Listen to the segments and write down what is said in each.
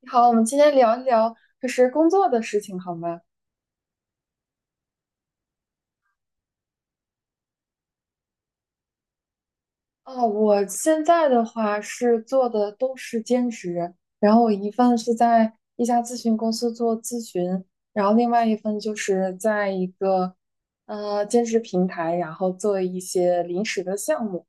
你好，我们今天聊一聊就是工作的事情，好吗？哦，我现在的话是做的都是兼职，然后我一份是在一家咨询公司做咨询，然后另外一份就是在一个兼职平台，然后做一些临时的项目。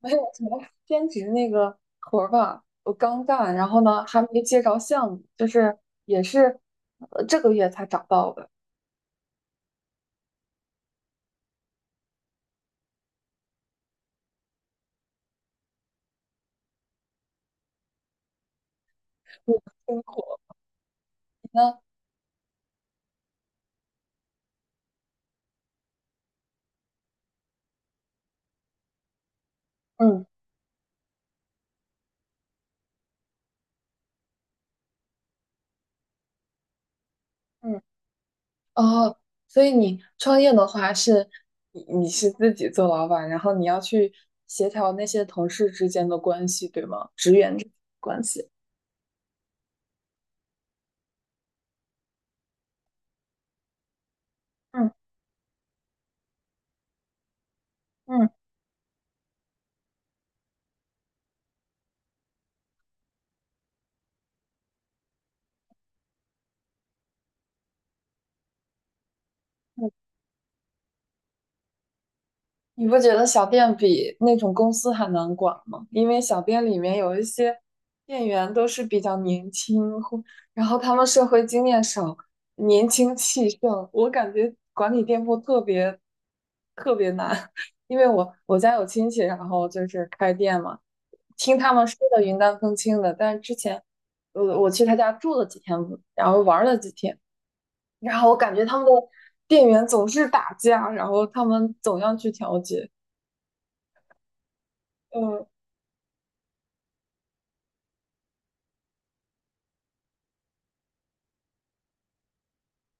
没有什么兼职那个活儿吧，我刚干，然后呢还没接着项目，就是也是这个月才找到的。辛苦那嗯嗯。哦，所以你创业的话是，你是自己做老板，然后你要去协调那些同事之间的关系，对吗？嗯嗯，嗯。你不觉得小店比那种公司还难管吗？因为小店里面有一些店员都是比较年轻，或然后他们社会经验少，年轻气盛，我感觉管理店铺特别特别难。因为我家有亲戚，然后就是开店嘛。听他们说的云淡风轻的，但是之前我去他家住了几天，然后玩了几天，然后我感觉他们的店员总是打架，然后他们总要去调解。嗯，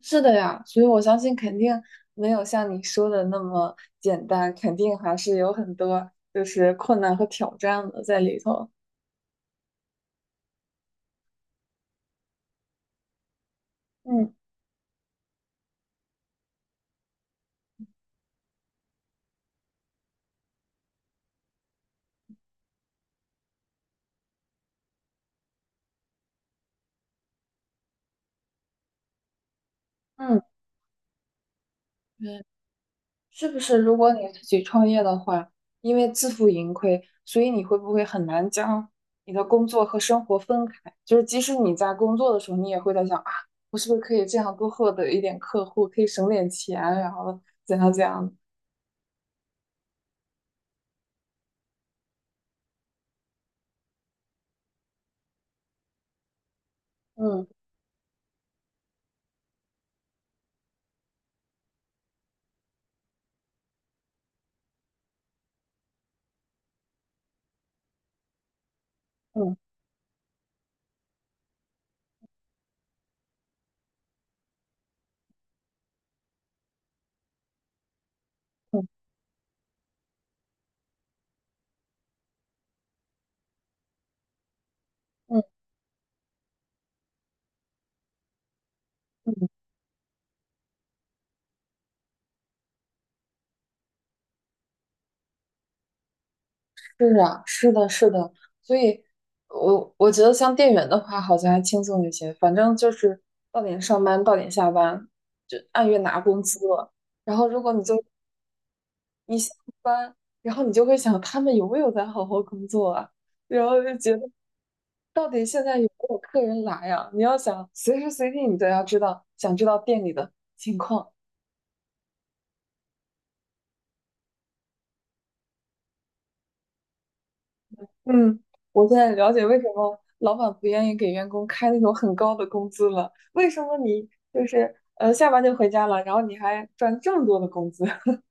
是的呀，所以我相信肯定没有像你说的那么简单，肯定还是有很多就是困难和挑战的在里头。嗯嗯，嗯。是不是如果你自己创业的话，因为自负盈亏，所以你会不会很难将你的工作和生活分开？就是即使你在工作的时候，你也会在想啊，我是不是可以这样多获得一点客户，可以省点钱，然后怎样怎样的。嗯嗯嗯嗯嗯，嗯。是啊，是的，是的。所以我觉得像店员的话，好像还轻松一些，反正就是到点上班，到点下班，就按月拿工资了。然后，如果你就一下班，然后你就会想他们有没有在好好工作啊？然后就觉得到底现在有没有客人来呀、你要想随时随地你都要知道，想知道店里的情况。嗯，我现在了解为什么老板不愿意给员工开那种很高的工资了，为什么你就是下班就回家了，然后你还赚这么多的工资。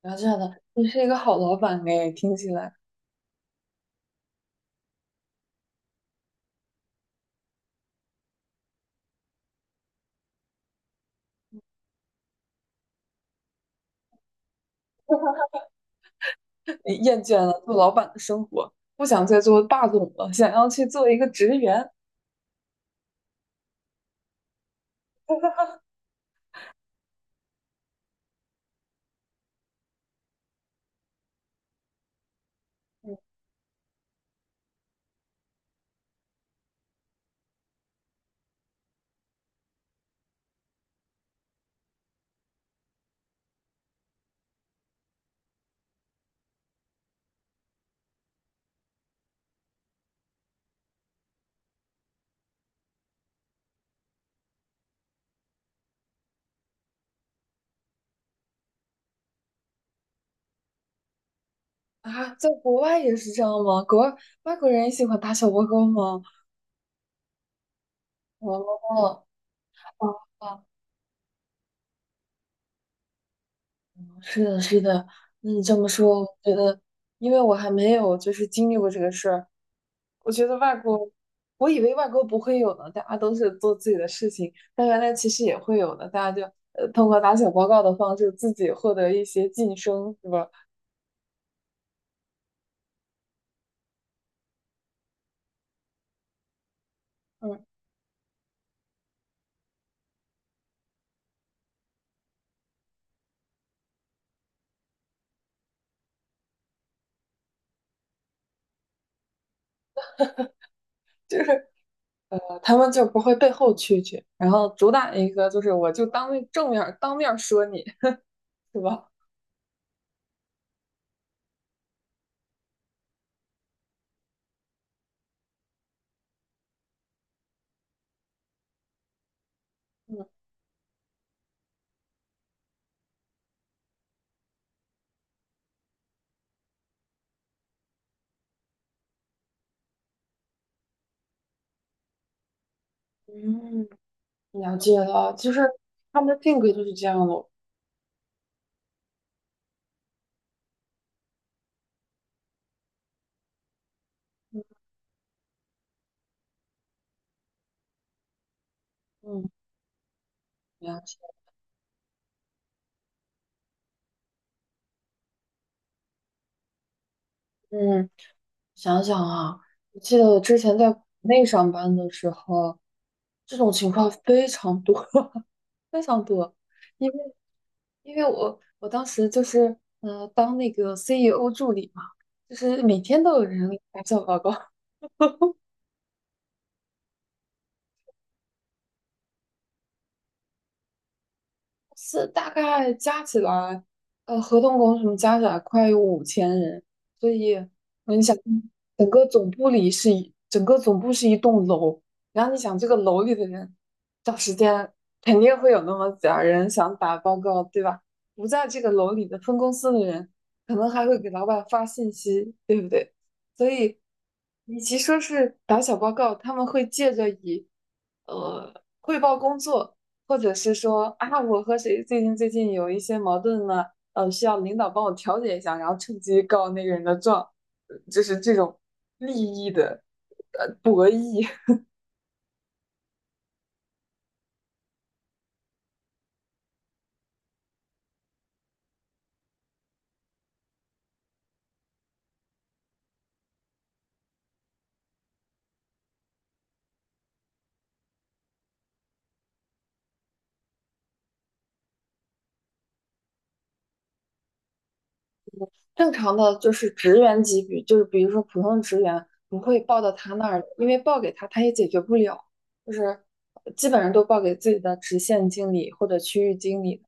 然后这样的，你是一个好老板哎，听起来。你厌倦了做老板的生活，不想再做霸总了，想要去做一个职员。啊？在国外也是这样吗？国外外国人也喜欢打小报告吗？哦哦哦，是的，是的。那你这么说，我觉得，因为我还没有就是经历过这个事儿，我觉得外国，我以为外国不会有呢，大家都是做自己的事情，但原来其实也会有的，大家就通过打小报告的方式自己获得一些晋升，是吧？嗯，就是。他们就不会背后蛐蛐，然后主打一个就是我就当面正面当面说你，是吧？嗯嗯，了解了，就是他们的性格就是这样咯。嗯，了解。嗯，想想啊，我记得我之前在国内上班的时候，这种情况非常多，非常多，因为因为我当时就是当那个 CEO 助理嘛，就是每天都有人来做报告，是大概加起来，呃，合同工什么加起来快有5000人，所以你想，整个总部里是一，整个总部是一栋楼，然后你想这个楼里的人，找时间肯定会有那么点儿人想打报告，对吧？不在这个楼里的分公司的人，可能还会给老板发信息，对不对？所以，与其说是打小报告，他们会借着以呃汇报工作。或者是说啊，我和谁最近最近有一些矛盾呢？呃，需要领导帮我调解一下，然后趁机告那个人的状，就是这种利益的博弈。正常的就是职员级别，就是比如说普通职员不会报到他那儿，因为报给他他也解决不了，就是基本上都报给自己的直线经理或者区域经理，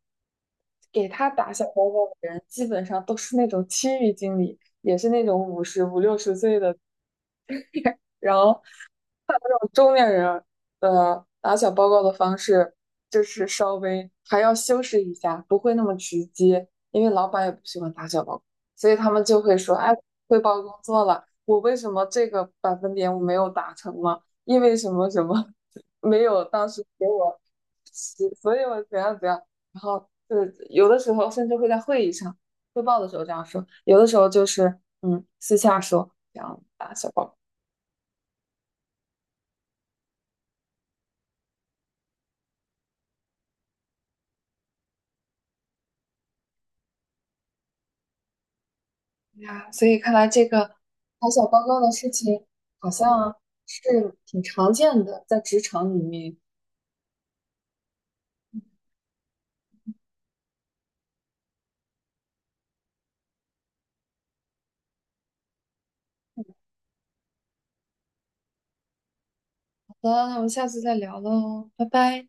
给他打小报告的人基本上都是那种区域经理，也是那种55 60岁的，然后。中年人的打小报告的方式，就是稍微还要修饰一下，不会那么直接，因为老板也不喜欢打小报告，所以他们就会说，哎，汇报工作了，我为什么这个百分点我没有达成吗？因为什么什么没有当时给我所以我怎样怎样，然后就是有的时候甚至会在会议上汇报的时候这样说，有的时候就是私下说这样打小报告。呀，所以看来这个打小报告的事情好像是挺常见的，在职场里面。好的，那我们下次再聊喽，拜拜。